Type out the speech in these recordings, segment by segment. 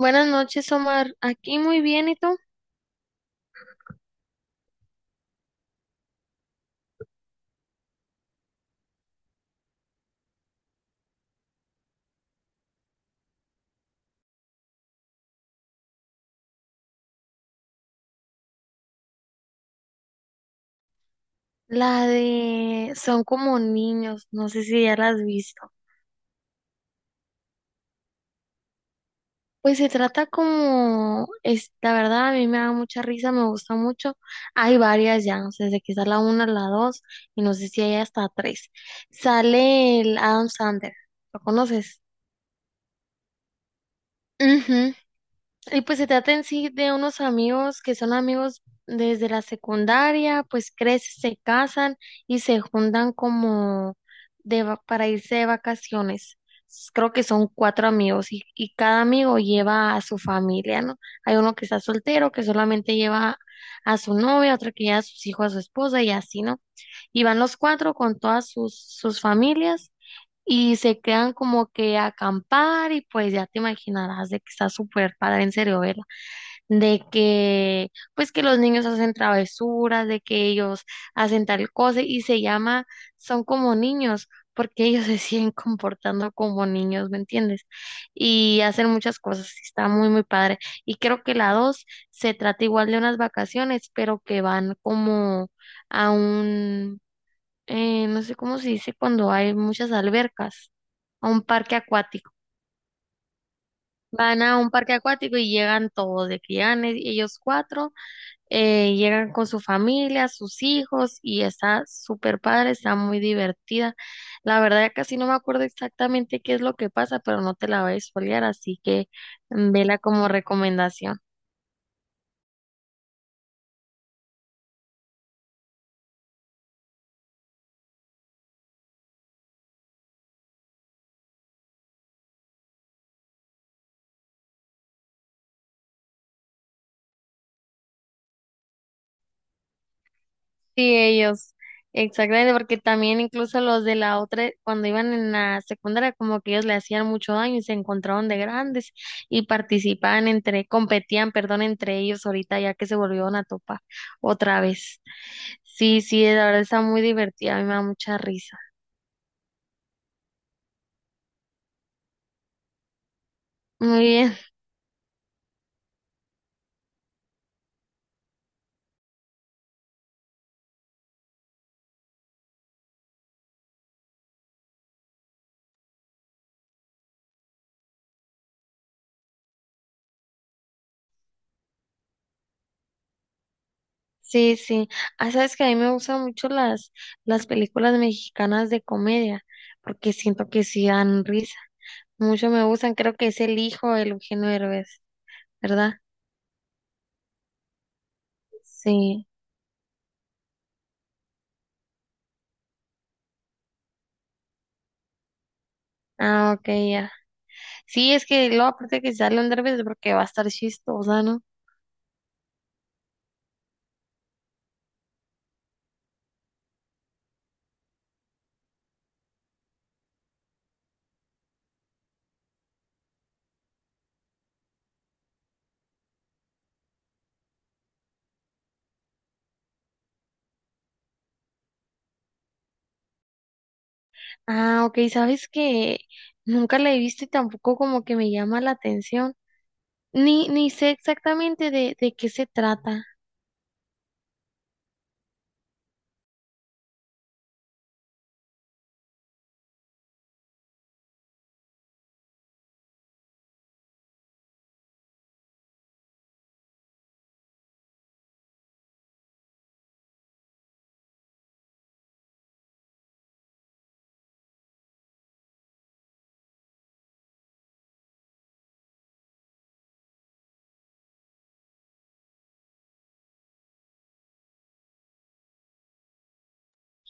Buenas noches, Omar. Aquí muy bien, ¿y tú? La de Son como niños, no sé si ya la has visto. Pues se trata como, es, la verdad, a mí me da mucha risa, me gusta mucho. Hay varias ya, no sé, desde que está la una, la dos, y no sé si hay hasta tres. Sale el Adam Sandler, ¿lo conoces? Ujú. Y pues se trata en sí de unos amigos que son amigos desde la secundaria, pues crecen, se casan y se juntan como de, para irse de vacaciones. Creo que son cuatro amigos y cada amigo lleva a su familia, ¿no? Hay uno que está soltero, que solamente lleva a su novia, otro que lleva a sus hijos, a su esposa y así, ¿no? Y van los cuatro con todas sus familias y se quedan como que a acampar y pues ya te imaginarás de que está súper padre en serio verla, de que pues que los niños hacen travesuras, de que ellos hacen tal cosa y se llama, son como niños. Porque ellos se siguen comportando como niños, ¿me entiendes? Y hacen muchas cosas, y está muy, muy padre. Y creo que la dos se trata igual de unas vacaciones, pero que van como a un, no sé cómo se dice cuando hay muchas albercas, a un parque acuático. Van a un parque acuático y llegan todos, de que llegan ellos cuatro, llegan con su familia, sus hijos, y está súper padre, está muy divertida. La verdad, ya casi no me acuerdo exactamente qué es lo que pasa, pero no te la voy a spoilear, así que vela como recomendación. Sí, ellos, exactamente, porque también incluso los de la otra, cuando iban en la secundaria, como que ellos le hacían mucho daño y se encontraron de grandes y participaban entre, competían, perdón, entre ellos ahorita ya que se volvieron a topar otra vez. Sí, sí, la verdad está muy divertida, a mí me da mucha risa. Muy bien, sí, sí. Ah, sabes que a mí me gustan mucho las películas mexicanas de comedia, porque siento que sí dan risa. Mucho me gustan, creo que es El Hijo de Eugenio Derbez, ¿verdad? Sí. Ah, ok, ya. Sí, es que luego aparte que sale un derbez porque va a estar chistosa, ¿no? Ah, ok, sabes que nunca la he visto y tampoco como que me llama la atención. Ni, ni sé exactamente de qué se trata.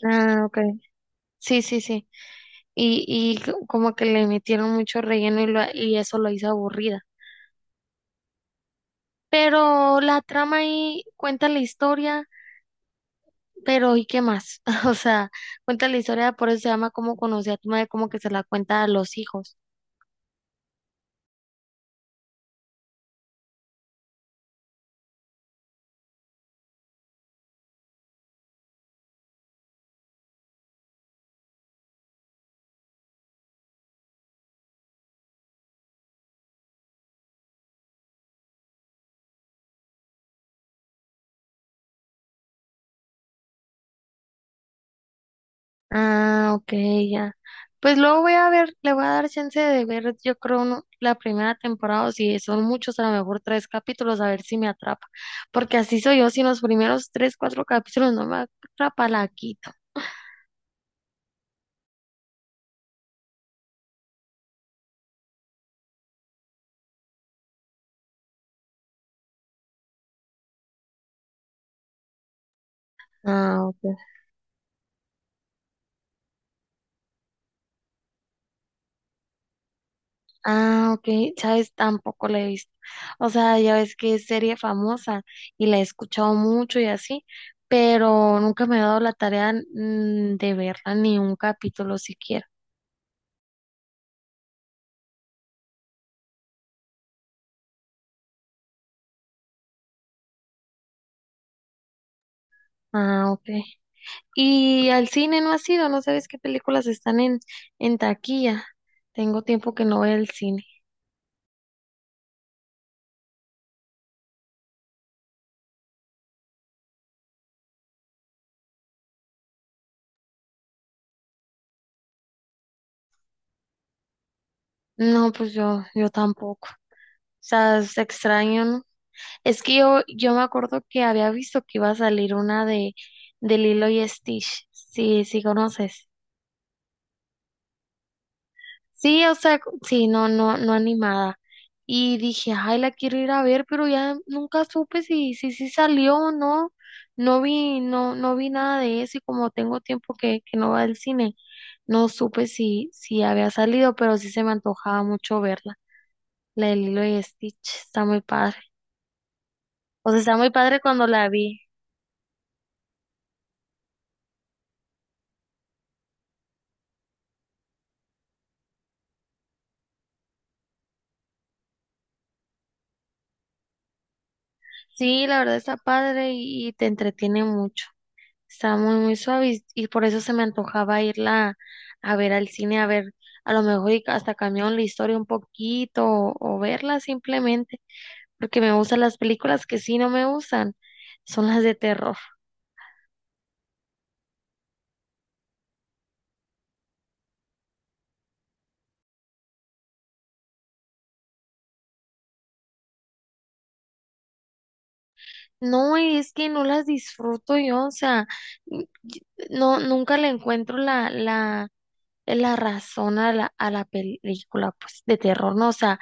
Ah, ok. Sí, sí, sí. Y como que le metieron mucho relleno y, y eso lo hizo aburrida. Pero la trama ahí cuenta la historia, pero ¿y qué más? O sea, cuenta la historia, por eso se llama como conocí a tu madre, como que se la cuenta a los hijos. Ah, ok, ya. Pues luego voy a ver, le voy a dar chance de ver, yo creo, la primera temporada, o si son muchos, a lo mejor tres capítulos, a ver si me atrapa. Porque así soy yo, si en los primeros tres, cuatro capítulos no me atrapa, la quito. Ah, ok. Ah, ok, sabes, tampoco la he visto. O sea, ya ves que es serie famosa y la he escuchado mucho y así, pero nunca me he dado la tarea de verla ni un capítulo siquiera. Ah, ok. Y al cine no has ido, no sabes qué películas están en taquilla. Tengo tiempo que no voy al cine. No, pues yo tampoco. O sea, es extraño, ¿no? Es que yo me acuerdo que había visto que iba a salir una de Lilo y Stitch. Sí, sí conoces. Sí, o sea, sí, no, no, no animada. Y dije, ay, la quiero ir a ver, pero ya nunca supe si, si, si salió o no. No vi, no, no vi nada de eso y como tengo tiempo que no va al cine. No supe si, si había salido, pero sí se me antojaba mucho verla. La de Lilo y Stitch está muy padre. O sea, está muy padre cuando la vi. Sí, la verdad está padre y te entretiene mucho. Está muy, muy suave y por eso se me antojaba irla a ver al cine, a ver, a lo mejor y hasta cambiaron la historia un poquito o verla simplemente, porque me gustan las películas que sí no me gustan, son las de terror. No, es que no las disfruto yo, o sea, y- no, nunca le encuentro la razón a a la película, pues, de terror, ¿no? O sea,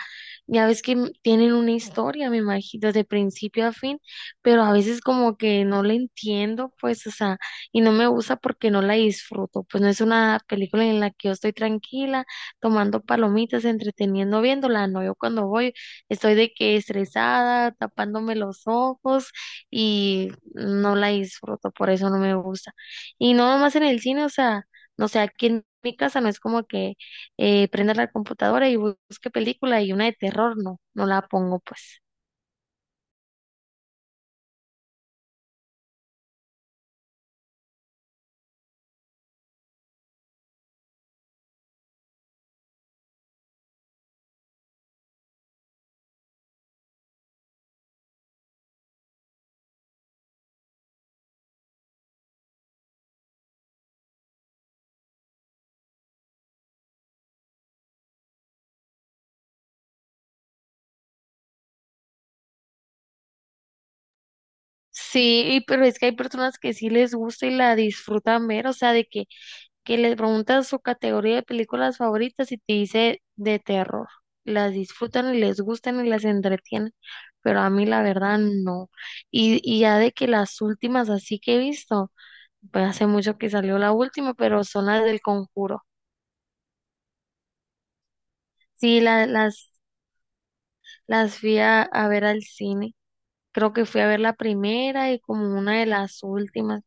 ya ves que tienen una historia, me imagino, de principio a fin, pero a veces como que no la entiendo, pues, o sea, y no me gusta porque no la disfruto, pues no es una película en la que yo estoy tranquila, tomando palomitas, entreteniendo, viéndola, no, yo cuando voy estoy de que estresada, tapándome los ojos y no la disfruto, por eso no me gusta. Y no nomás en el cine, o sea... No sé, aquí en mi casa no es como que prenda la computadora y busque película y una de terror, no, no la pongo pues. Sí, y pero es que hay personas que sí les gusta y la disfrutan ver, o sea, de que les preguntas su categoría de películas favoritas y te dice de terror. Las disfrutan y les gustan y las entretienen, pero a mí la verdad no. Y ya de que las últimas así que he visto, pues hace mucho que salió la última, pero son las del Conjuro. Sí, las Las fui a ver al cine. Creo que fui a ver la primera y como una de las últimas.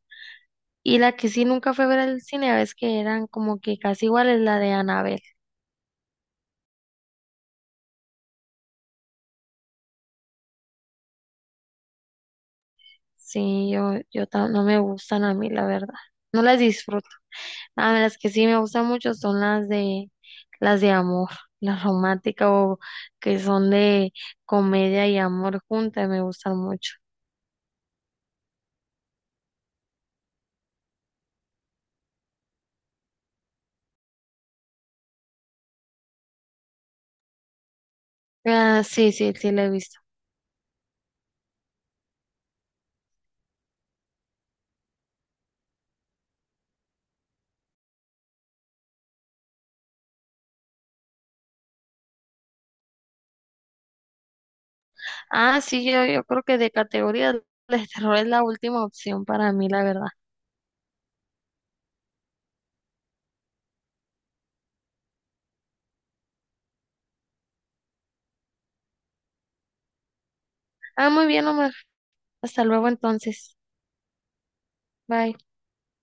Y la que sí nunca fui a ver al cine, a veces que eran como que casi iguales, la de Anabel. Sí, yo, no me gustan a mí, la verdad. No las disfruto. A mí las que sí me gustan mucho son las de amor, las románticas o que son de comedia y amor juntas, me gustan mucho. Ah, sí, sí, sí, la he visto. Ah, sí, yo creo que de categoría el terror es la última opción para mí, la verdad. Ah, muy bien, Omar. Hasta luego entonces. Bye.